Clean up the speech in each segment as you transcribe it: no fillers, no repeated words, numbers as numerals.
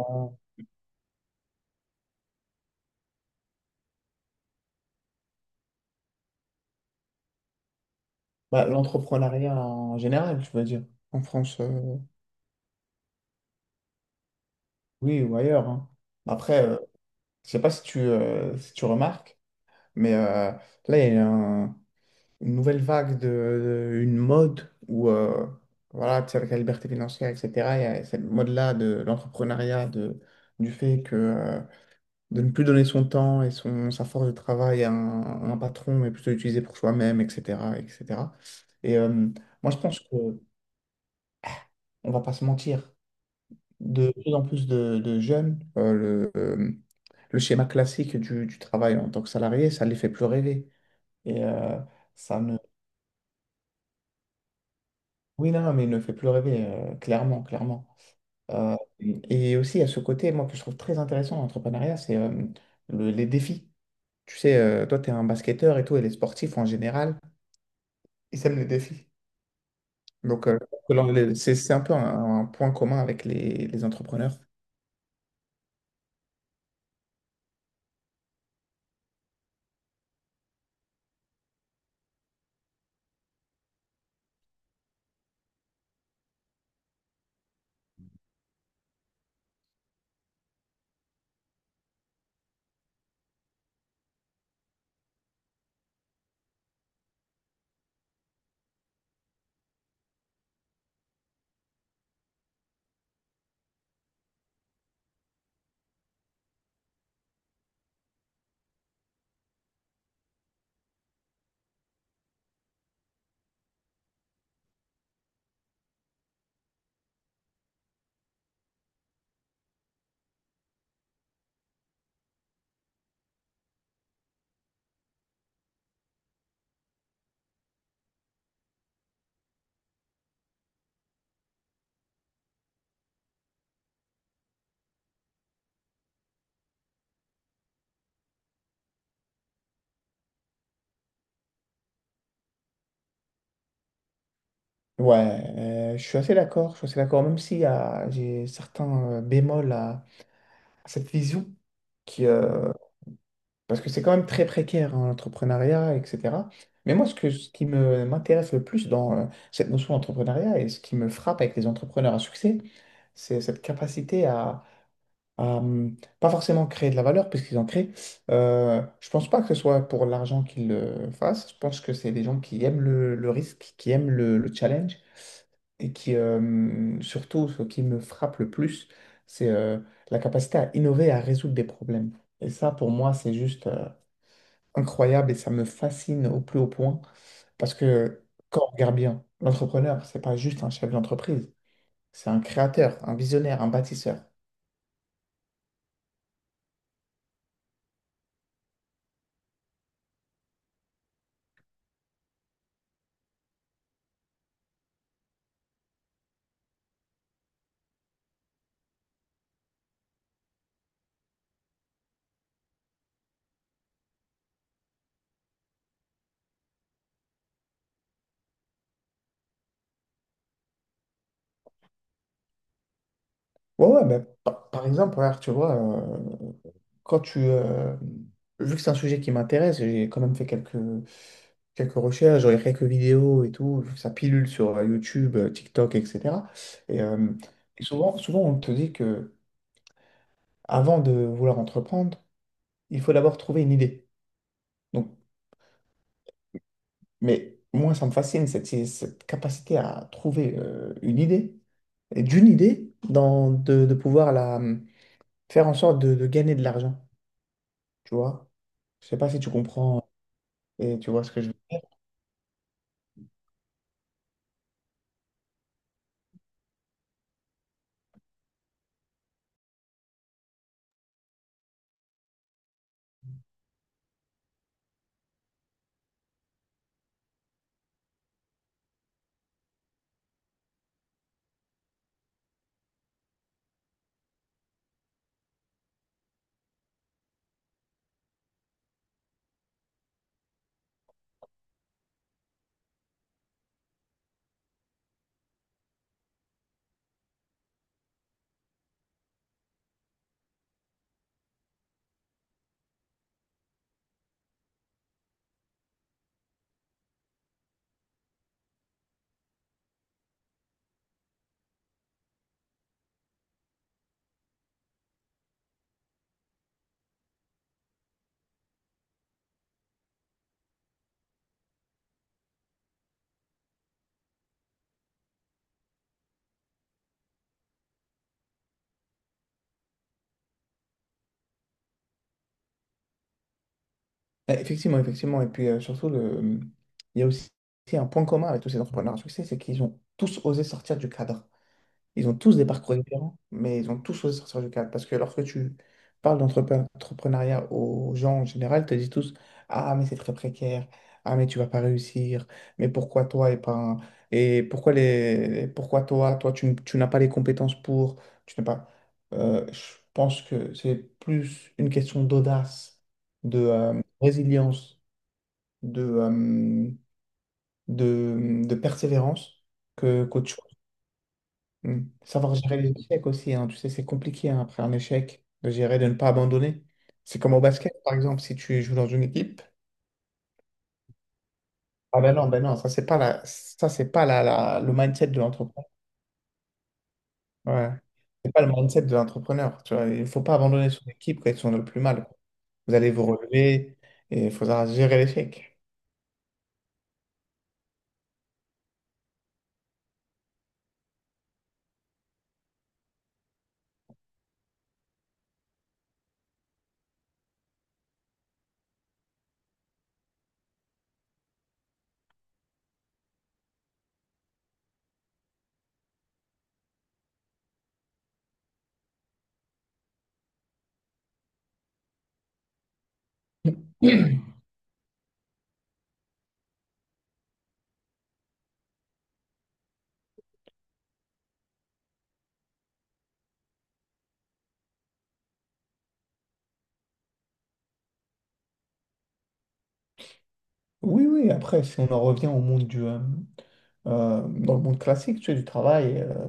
Euh, bah, l'entrepreneuriat en général, je veux dire, en France, oui, ou ailleurs, hein. Après, je sais pas si tu, si tu remarques, mais là, il y a un- une nouvelle vague de, une mode où, voilà, tu sais, avec la liberté financière, etc., il y a cette mode-là de l'entrepreneuriat, de, du fait que, de ne plus donner son temps et son, sa force de travail à un patron, mais plutôt l'utiliser pour soi-même, etc., etc. Et cetera. Et euh, Moi, je pense que on va pas se mentir. De plus en plus de jeunes, le schéma classique du travail en tant que salarié, ça ne les fait plus rêver. Et euh, Ça ne... Oui, non, non, mais il ne fait plus rêver, clairement, clairement. Et aussi, à ce côté, moi, que je trouve très intéressant dans l'entrepreneuriat, c'est les défis. Tu sais, toi, tu es un basketteur et tout, et les sportifs en général, ils aiment les défis. Donc, c'est un peu un point commun avec les entrepreneurs. Ouais, je suis assez d'accord, je suis assez d'accord, même si j'ai certains bémols à cette vision, qui, euh, parce que c'est quand même très précaire, hein, l'entrepreneuriat, etc. Mais moi, ce que, ce qui me, m'intéresse le plus dans cette notion d'entrepreneuriat et ce qui me frappe avec les entrepreneurs à succès, c'est cette capacité à, pas forcément créer de la valeur, puisqu'ils en créent. Je pense pas que ce soit pour l'argent qu'ils le fassent, je pense que c'est des gens qui aiment le risque, qui aiment le challenge et qui, surtout, ce qui me frappe le plus, c'est la capacité à innover, à résoudre des problèmes. Et ça, pour moi, c'est juste incroyable et ça me fascine au plus haut point parce que quand on regarde bien, l'entrepreneur, c'est pas juste un chef d'entreprise, c'est un créateur, un visionnaire, un bâtisseur. Ouais, ouais, mais par, par exemple, regarde, tu vois, quand tu, euh, vu que c'est un sujet qui m'intéresse, j'ai quand même fait quelques quelques recherches, j'aurais quelques vidéos et tout, ça pilule sur YouTube, TikTok, etc. Et, euh, et souvent, souvent, on te dit que avant de vouloir entreprendre, il faut d'abord trouver une idée. Donc, mais moi, ça me fascine, cette, cette capacité à trouver une idée, et d'une idée, dans, de pouvoir la, faire en sorte de gagner de l'argent, tu vois. Je sais pas si tu comprends et tu vois ce que je... Bah, effectivement, effectivement. Et puis surtout, le... il y a aussi un point commun avec tous ces entrepreneurs à succès, c'est qu'ils ont tous osé sortir du cadre. Ils ont tous des parcours différents, mais ils ont tous choisi de sortir du cadre. Parce que lorsque tu parles d'entrepreneuriat aux gens en général, ils te disent tous, ah, mais c'est très précaire. Ah, mais tu vas pas réussir. Mais pourquoi toi et pas... un- Et pourquoi les... pourquoi toi? Toi, tu n'as pas les compétences pour... Tu n'as pas... Je pense que c'est plus une question d'audace, de résilience, de, euh, de persévérance que qu'autre chose. Mm. Savoir gérer les échecs aussi, hein. Tu sais, c'est compliqué hein, après un échec de gérer, de ne pas abandonner. C'est comme au basket, par exemple, si tu joues dans une équipe. Ah ben non, ça c'est pas la, ça c'est pas la, le mindset de l'entrepreneur. Ouais. C'est pas le mindset de l'entrepreneur. Tu vois, il faut pas abandonner son équipe quand ils sont dans le plus mal, quoi. Vous allez vous relever et il faudra gérer l'échec. Oui, oui, après, si on en revient au monde du, dans le monde classique, tu sais, du travail. euh,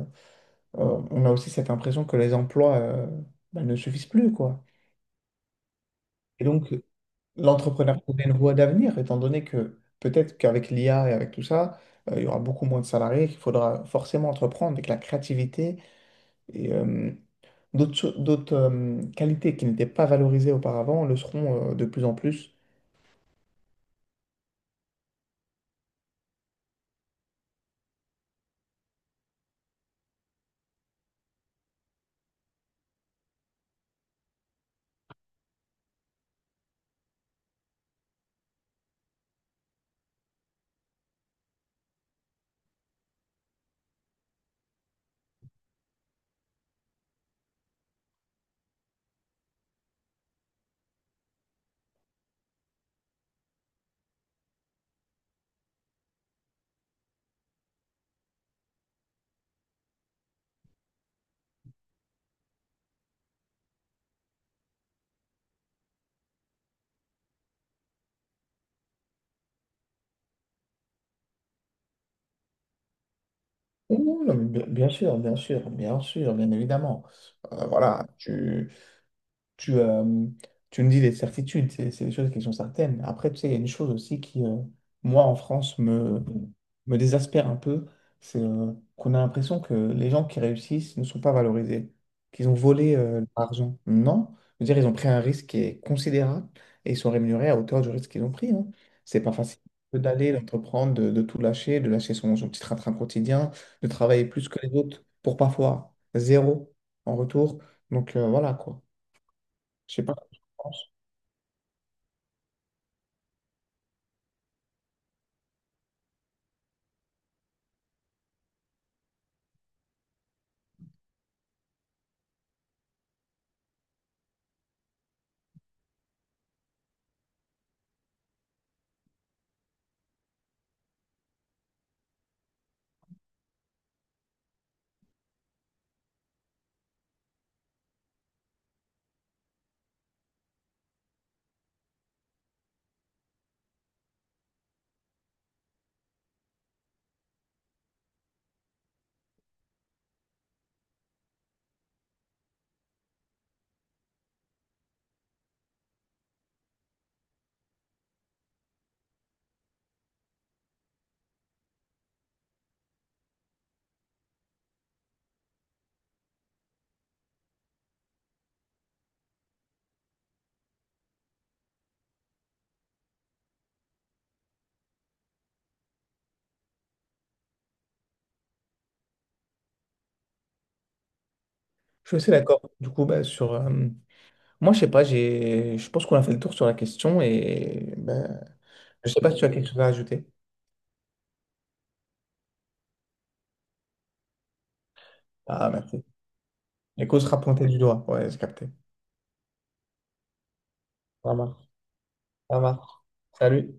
euh, On a aussi cette impression que les emplois bah, ne suffisent plus, quoi. Et donc, l'entrepreneuriat est une voie d'avenir, étant donné que peut-être qu'avec l'IA et avec tout ça, il y aura beaucoup moins de salariés, qu'il faudra forcément entreprendre avec la créativité et d'autres, qualités qui n'étaient pas valorisées auparavant le seront de plus en plus. Oui, oui, non, mais bien bien sûr, bien sûr, bien sûr, bien évidemment. Voilà, tu, euh, tu nous dis des certitudes, c'est des choses qui sont certaines. Après, tu sais, il y a une chose aussi qui, moi, en France, me désespère un peu, c'est qu'on a l'impression que les gens qui réussissent ne sont pas valorisés, qu'ils ont volé l'argent. Non, je veux dire, ils ont pris un risque qui est considérable et ils sont rémunérés à hauteur du risque qu'ils ont pris, hein. C'est pas facile d'aller, d'entreprendre, de tout lâcher, de lâcher son, son petit train-train quotidien, de travailler plus que les autres pour parfois zéro en retour. Voilà quoi. Je sais pas ce que tu penses. Je suis assez d'accord. Du coup, bah, sur, moi, je sais pas, j'ai, je pense qu'on a fait le tour sur la question et bah, je sais pas si tu as quelque chose à ajouter. Ah, merci. Les causes sera pointées du doigt. Ouais, j'ai capté. Ça marche. Ça marche. Salut.